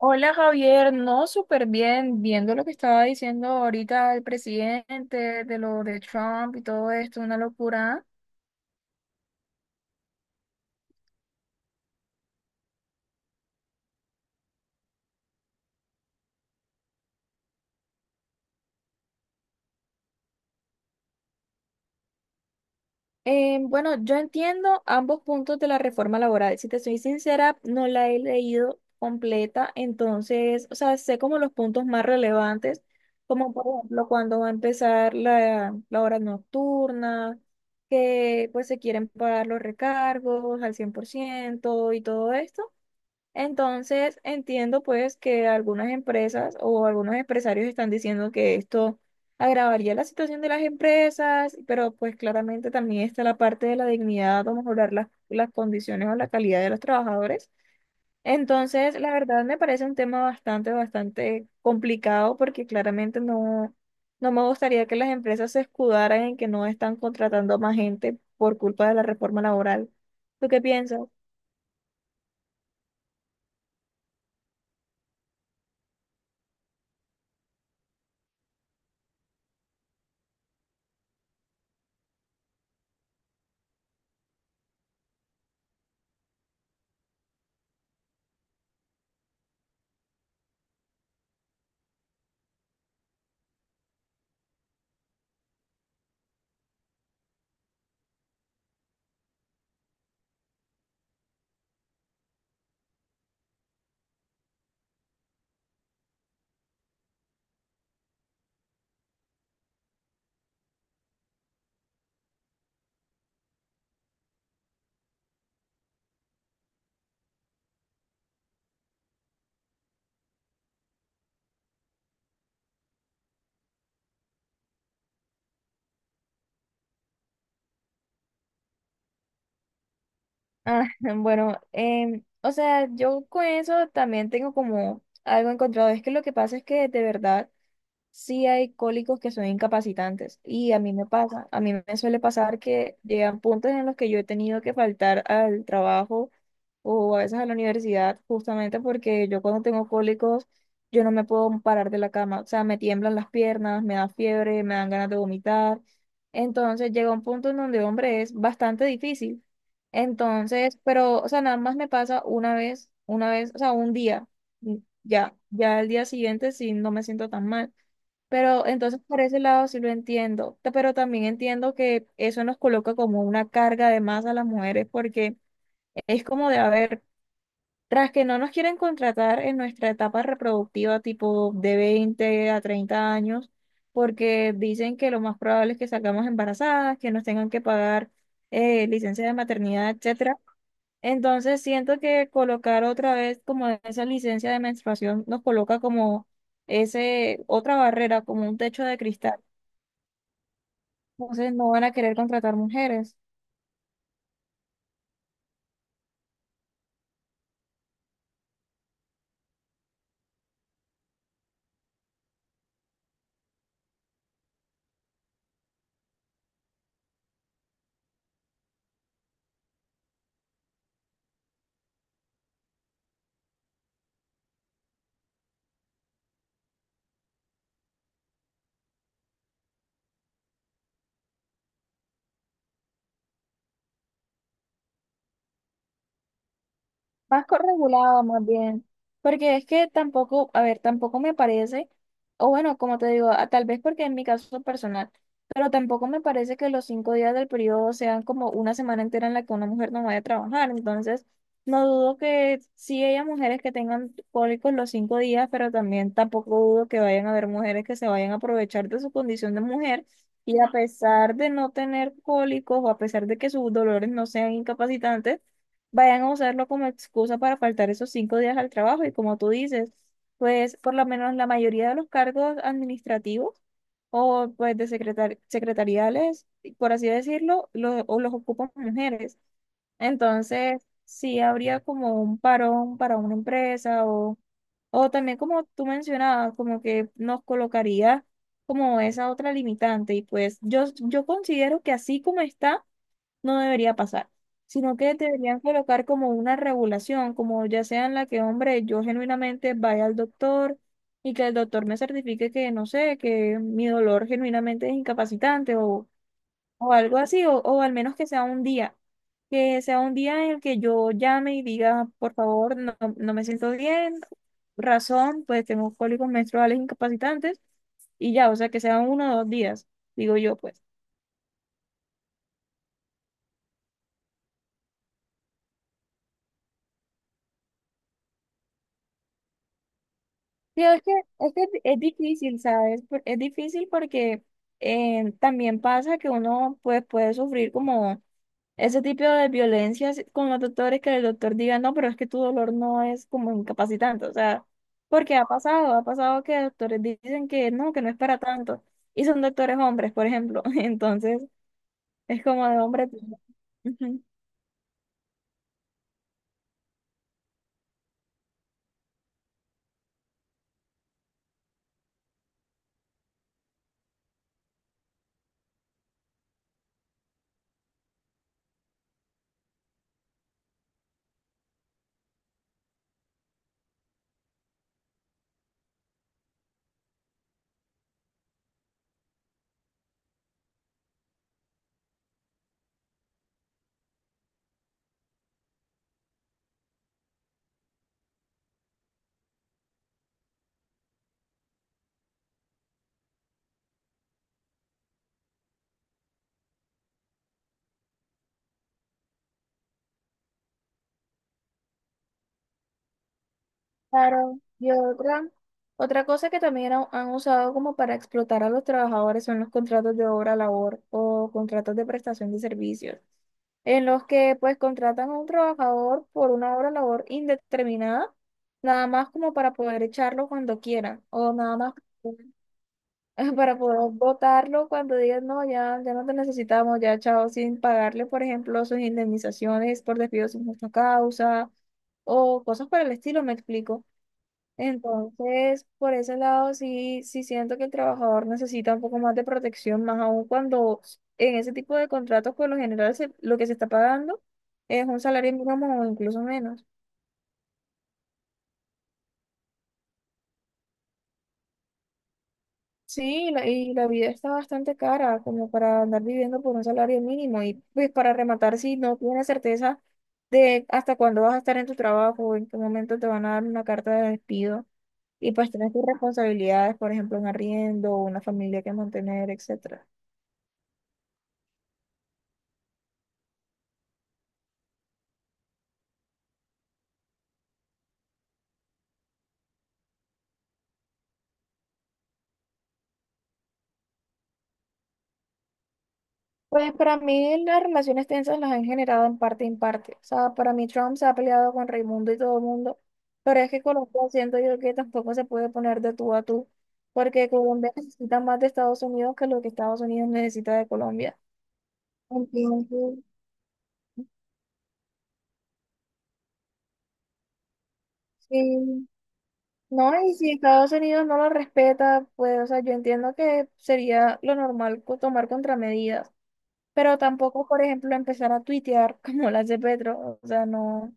Hola Javier, no, súper bien, viendo lo que estaba diciendo ahorita el presidente de lo de Trump y todo esto, una locura. Bueno, yo entiendo ambos puntos de la reforma laboral. Si te soy sincera, no la he leído completa, entonces, o sea, sé como los puntos más relevantes, como por ejemplo cuando va a empezar la hora nocturna, que pues se quieren pagar los recargos al 100% y todo esto. Entonces, entiendo pues que algunas empresas o algunos empresarios están diciendo que esto agravaría la situación de las empresas, pero pues claramente también está la parte de la dignidad o mejorar las condiciones o la calidad de los trabajadores. Entonces, la verdad me parece un tema bastante, bastante complicado porque claramente no, no me gustaría que las empresas se escudaran en que no están contratando más gente por culpa de la reforma laboral. ¿Tú qué piensas? Ah, bueno, o sea, yo con eso también tengo como algo encontrado. Es que lo que pasa es que de verdad sí hay cólicos que son incapacitantes y a mí me pasa, a mí me suele pasar que llegan puntos en los que yo he tenido que faltar al trabajo o a veces a la universidad justamente porque yo cuando tengo cólicos yo no me puedo parar de la cama, o sea, me tiemblan las piernas, me da fiebre, me dan ganas de vomitar. Entonces llega un punto en donde, hombre, es bastante difícil. Entonces, pero, o sea, nada más me pasa una vez, o sea, un día, ya, ya el día siguiente sí no me siento tan mal. Pero entonces por ese lado sí lo entiendo, pero también entiendo que eso nos coloca como una carga de más a las mujeres porque es como de, a ver, tras que no nos quieren contratar en nuestra etapa reproductiva tipo de 20 a 30 años, porque dicen que lo más probable es que salgamos embarazadas, que nos tengan que pagar licencia de maternidad, etcétera. Entonces siento que colocar otra vez como esa licencia de menstruación nos coloca como ese otra barrera, como un techo de cristal. Entonces no van a querer contratar mujeres. Más corregulado, más bien. Porque es que tampoco, a ver, tampoco me parece, o bueno, como te digo, tal vez porque en mi caso personal, pero tampoco me parece que los 5 días del periodo sean como una semana entera en la que una mujer no vaya a trabajar. Entonces, no dudo que sí haya mujeres que tengan cólicos los 5 días, pero también tampoco dudo que vayan a haber mujeres que se vayan a aprovechar de su condición de mujer. Y a pesar de no tener cólicos o a pesar de que sus dolores no sean incapacitantes, vayan a usarlo como excusa para faltar esos 5 días al trabajo. Y como tú dices, pues por lo menos la mayoría de los cargos administrativos o pues de secretariales, por así decirlo, o los ocupan mujeres. Entonces, sí habría como un parón para una empresa o también como tú mencionabas, como que nos colocaría como esa otra limitante. Y pues yo considero que así como está no debería pasar, sino que deberían colocar como una regulación, como ya sea en la que, hombre, yo genuinamente vaya al doctor y que el doctor me certifique que, no sé, que mi dolor genuinamente es incapacitante o algo así, o al menos que sea un día, que sea un día en el que yo llame y diga, por favor, no, no me siento bien, razón, pues tengo cólicos menstruales incapacitantes y ya, o sea, que sean 1 o 2 días, digo yo, pues. Sí, es que es difícil, ¿sabes? Es difícil porque también pasa que uno pues, puede sufrir como ese tipo de violencias con los doctores, que el doctor diga, no, pero es que tu dolor no es como incapacitante, o sea, porque ha pasado que doctores dicen que no es para tanto, y son doctores hombres, por ejemplo, entonces es como de hombre. Claro, y otra cosa que también han usado como para explotar a los trabajadores son los contratos de obra labor o contratos de prestación de servicios, en los que pues contratan a un trabajador por una obra labor indeterminada, nada más como para poder echarlo cuando quieran, o nada más para poder votarlo cuando digan, no, ya, ya no te necesitamos, ya chao, sin pagarle, por ejemplo, sus indemnizaciones por despido sin justa causa, o cosas por el estilo, me explico. Entonces, por ese lado, sí, sí siento que el trabajador necesita un poco más de protección, más aún cuando en ese tipo de contratos, por lo general, lo que se está pagando es un salario mínimo o incluso menos. Sí, y la vida está bastante cara como para andar viviendo por un salario mínimo y pues para rematar, si no tienes certeza de hasta cuándo vas a estar en tu trabajo, en qué momento te van a dar una carta de despido y pues tienes tus responsabilidades, por ejemplo, un arriendo, una familia que mantener, etc. Pues para mí las relaciones tensas las han generado en parte en parte. O sea, para mí Trump se ha peleado con Raimundo y todo el mundo, pero es que Colombia siento yo que tampoco se puede poner de tú a tú, porque Colombia necesita más de Estados Unidos que lo que Estados Unidos necesita de Colombia. Entonces, sí, no, y si Estados Unidos no lo respeta, pues, o sea, yo entiendo que sería lo normal tomar contramedidas, pero tampoco, por ejemplo, empezar a tuitear como las de Petro, o sea, no.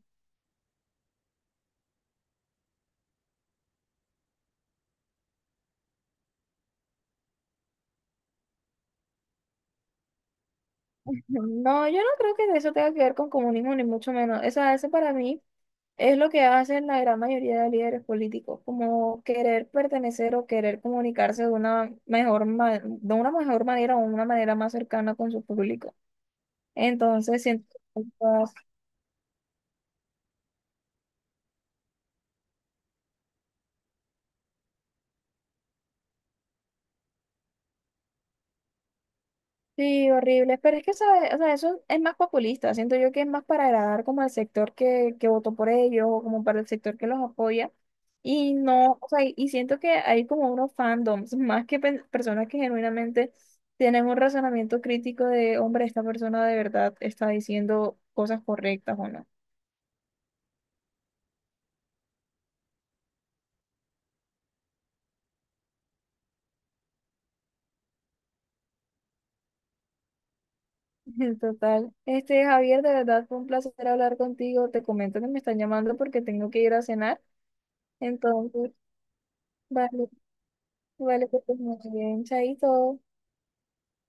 No, yo no creo que eso tenga que ver con comunismo, ni mucho menos. O sea, eso para mí es lo que hacen la gran mayoría de líderes políticos, como querer pertenecer o querer comunicarse de una mejor, de una mejor manera o una manera más cercana con su público. Entonces, siento. Sí, horrible. Pero es que, ¿sabes? O sea, eso es más populista. Siento yo que es más para agradar como al sector que votó por ellos o como para el sector que los apoya. Y no, o sea, y siento que hay como unos fandoms, más que personas que genuinamente tienen un razonamiento crítico de, hombre, esta persona de verdad está diciendo cosas correctas o no. Total. Este, Javier, de verdad fue un placer hablar contigo. Te comento que me están llamando porque tengo que ir a cenar. Entonces, vale, vale, que estés muy bien, chaito.